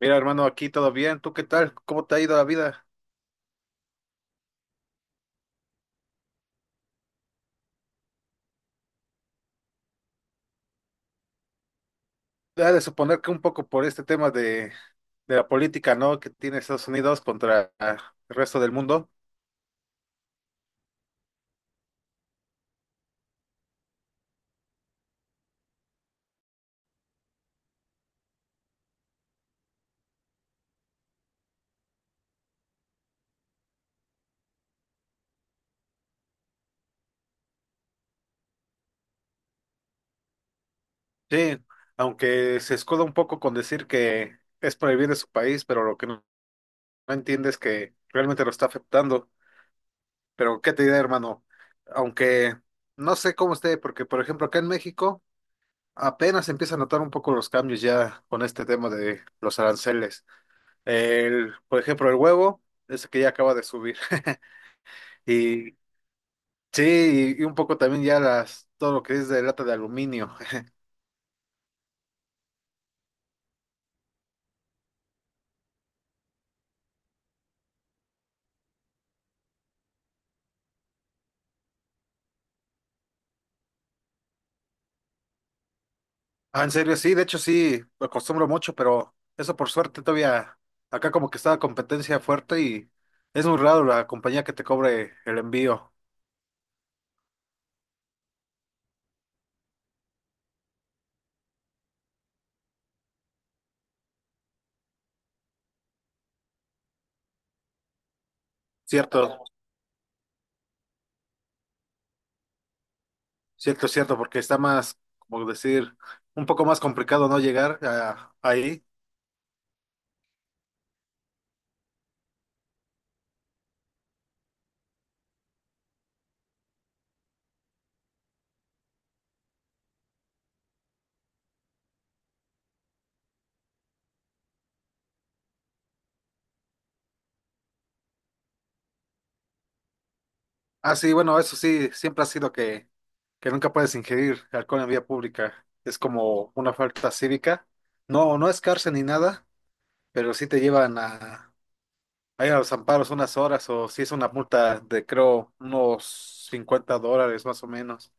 Mira, hermano, aquí todo bien. ¿Tú qué tal? ¿Cómo te ha ido la vida? Ha de suponer que un poco por este tema de la política, ¿no? Que tiene Estados Unidos contra el resto del mundo. Sí, aunque se escuda un poco con decir que es por el bien de su país, pero lo que no entiende es que realmente lo está afectando. Pero qué te diré, hermano, aunque no sé cómo esté, porque por ejemplo acá en México apenas se empieza a notar un poco los cambios ya con este tema de los aranceles. El, por ejemplo, el huevo, ese que ya acaba de subir. Y sí, y un poco también ya las, todo lo que es de lata de aluminio. Ah, en serio, sí, de hecho sí, lo acostumbro mucho, pero eso por suerte todavía, acá como que está la competencia fuerte y es muy raro la compañía que te cobre el envío. Cierto, cierto, cierto, porque está más, como decir, un poco más complicado no llegar ahí. Ah, sí, bueno, eso sí, siempre ha sido que nunca puedes ingerir alcohol en vía pública. Es como una falta cívica. No, no es cárcel ni nada, pero sí te llevan a ir a los amparos unas horas o si es una multa de creo unos $50 más o menos.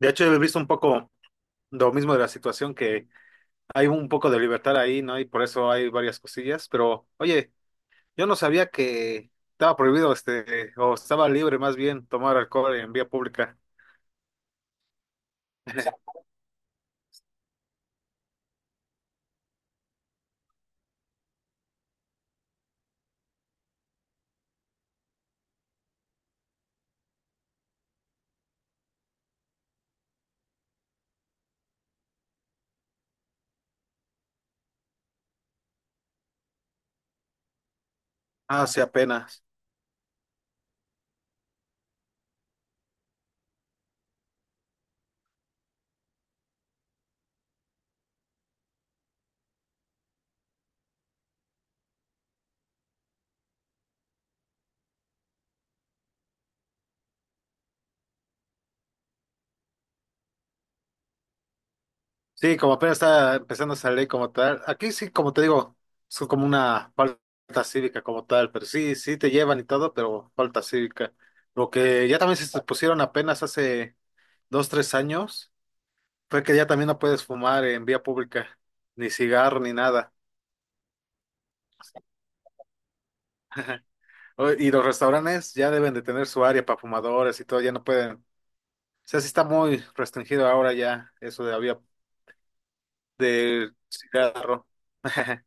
De hecho, he visto un poco lo mismo de la situación que hay un poco de libertad ahí, ¿no? Y por eso hay varias cosillas, pero oye, yo no sabía que estaba prohibido este, o estaba libre más bien tomar alcohol en vía pública. Ah, sí, apenas. Sí, como apenas está empezando a salir como tal. Aquí sí, como te digo, es como una falta cívica como tal, pero sí, sí te llevan y todo, pero falta cívica. Lo que ya también se pusieron apenas hace 2, 3 años fue que ya también no puedes fumar en vía pública, ni cigarro, ni nada. Y los restaurantes ya deben de tener su área para fumadores y todo, ya no pueden. O sea, sí está muy restringido ahora ya eso de la vía del cigarro.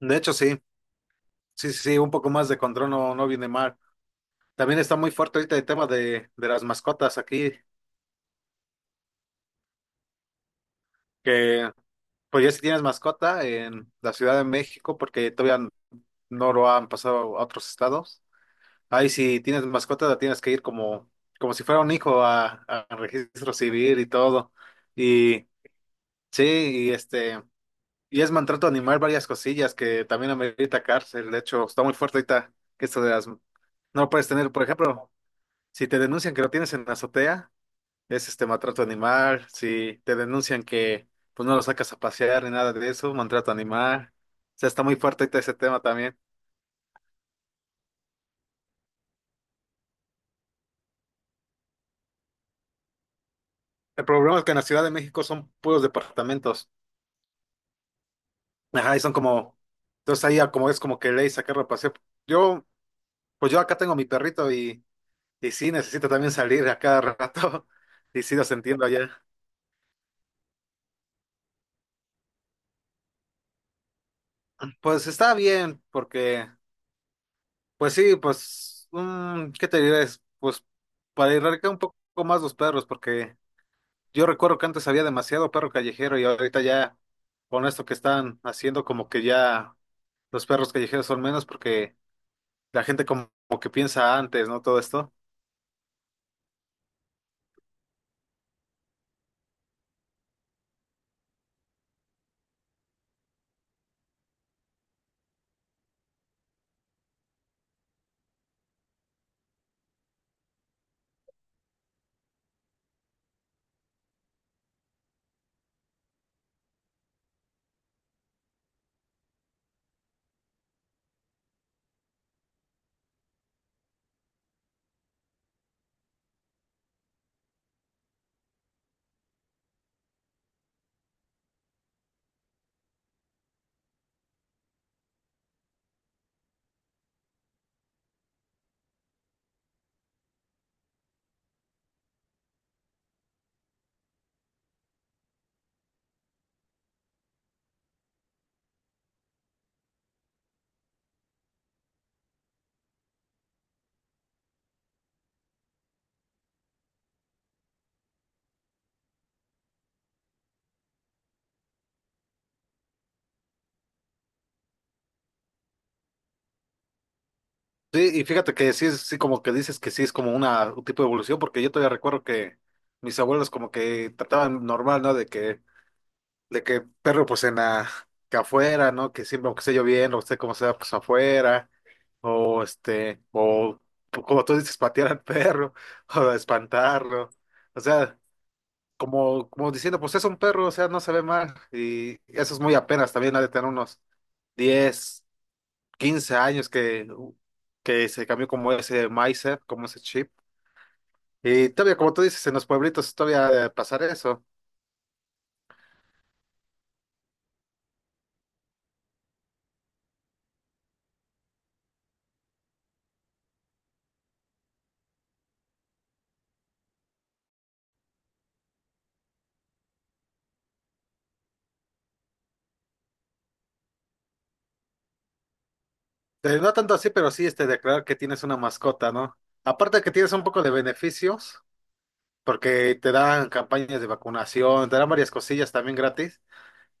De hecho, sí. Sí, sí, sí, un poco más de control no viene mal. También está muy fuerte ahorita el tema de las mascotas aquí, que pues ya si tienes mascota en la Ciudad de México, porque todavía no lo han pasado a otros estados. Ahí si tienes mascota la tienes que ir como, como si fuera un hijo a registro civil y todo. Y sí, y este, y es maltrato animal varias cosillas que también amerita cárcel. De hecho, está muy fuerte ahorita que esto de las, no lo puedes tener, por ejemplo, si te denuncian que lo tienes en la azotea. Es este maltrato animal, si te denuncian que pues no lo sacas a pasear ni nada de eso, maltrato animal. O sea, está muy fuerte ahorita ese tema también. El problema es que en la Ciudad de México son puros departamentos. Ajá, y son como, entonces ahí ya como es como que ley sacarlo a pasear. Yo, pues yo acá tengo mi perrito, y sí, necesito también salir a cada rato y sí los entiendo allá. Pues está bien, porque, pues sí, pues, ¿qué te diré? Es, pues para erradicar un poco más los perros, porque yo recuerdo que antes había demasiado perro callejero y ahorita ya, con esto que están haciendo, como que ya los perros callejeros son menos porque la gente como, como que piensa antes, ¿no? Todo esto. Sí, y fíjate que sí, sí, como que dices que sí es como una, un tipo de evolución, porque yo todavía recuerdo que mis abuelos como que trataban normal, ¿no? De que perro pues en la, que afuera, ¿no? Que siempre, aunque esté lloviendo, usted como sea, pues afuera, o este, o pues, como tú dices, patear al perro, o espantarlo. O sea, como, como diciendo, pues es un perro, o sea, no se ve mal. Y eso es muy apenas, también ha de tener unos 10, 15 años que se cambió como ese mindset, como ese chip. Y todavía, como tú dices, en los pueblitos todavía ha de pasar eso. No tanto así, pero sí este, declarar que tienes una mascota, ¿no? Aparte de que tienes un poco de beneficios, porque te dan campañas de vacunación, te dan varias cosillas también gratis.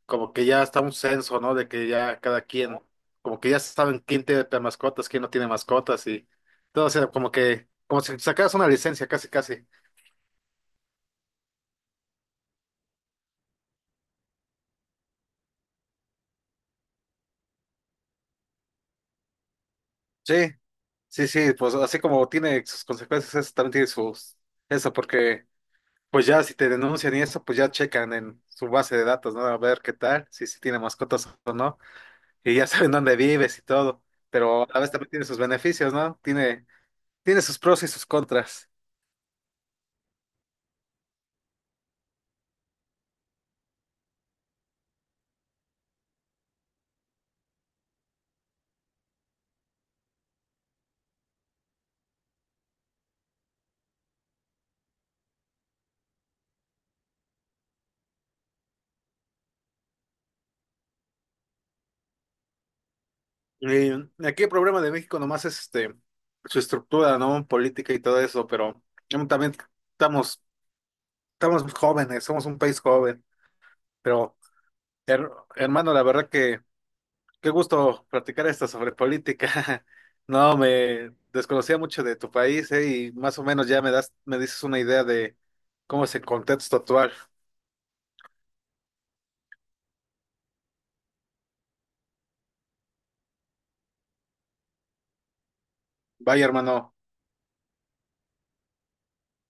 Como que ya está un censo, ¿no? De que ya cada quien, como que ya saben quién tiene mascotas, quién no tiene mascotas y todo, o sea, como que, como si sacaras una licencia, casi, casi. Sí, sí, sí, pues así como tiene sus consecuencias, eso también tiene sus, eso, porque pues ya si te denuncian y eso, pues ya checan en su base de datos, ¿no? A ver qué tal, si tiene mascotas o no, y ya saben dónde vives y todo, pero a la vez también tiene sus beneficios, ¿no? Tiene, tiene sus pros y sus contras. Aquí el problema de México nomás es este, su estructura, ¿no? Política y todo eso, pero también estamos, estamos jóvenes, somos un país joven. Pero, her- hermano, la verdad que qué gusto platicar esto sobre política. No, me desconocía mucho de tu país, y más o menos ya me das, me dices una idea de cómo es el contexto actual. Vaya, hermano.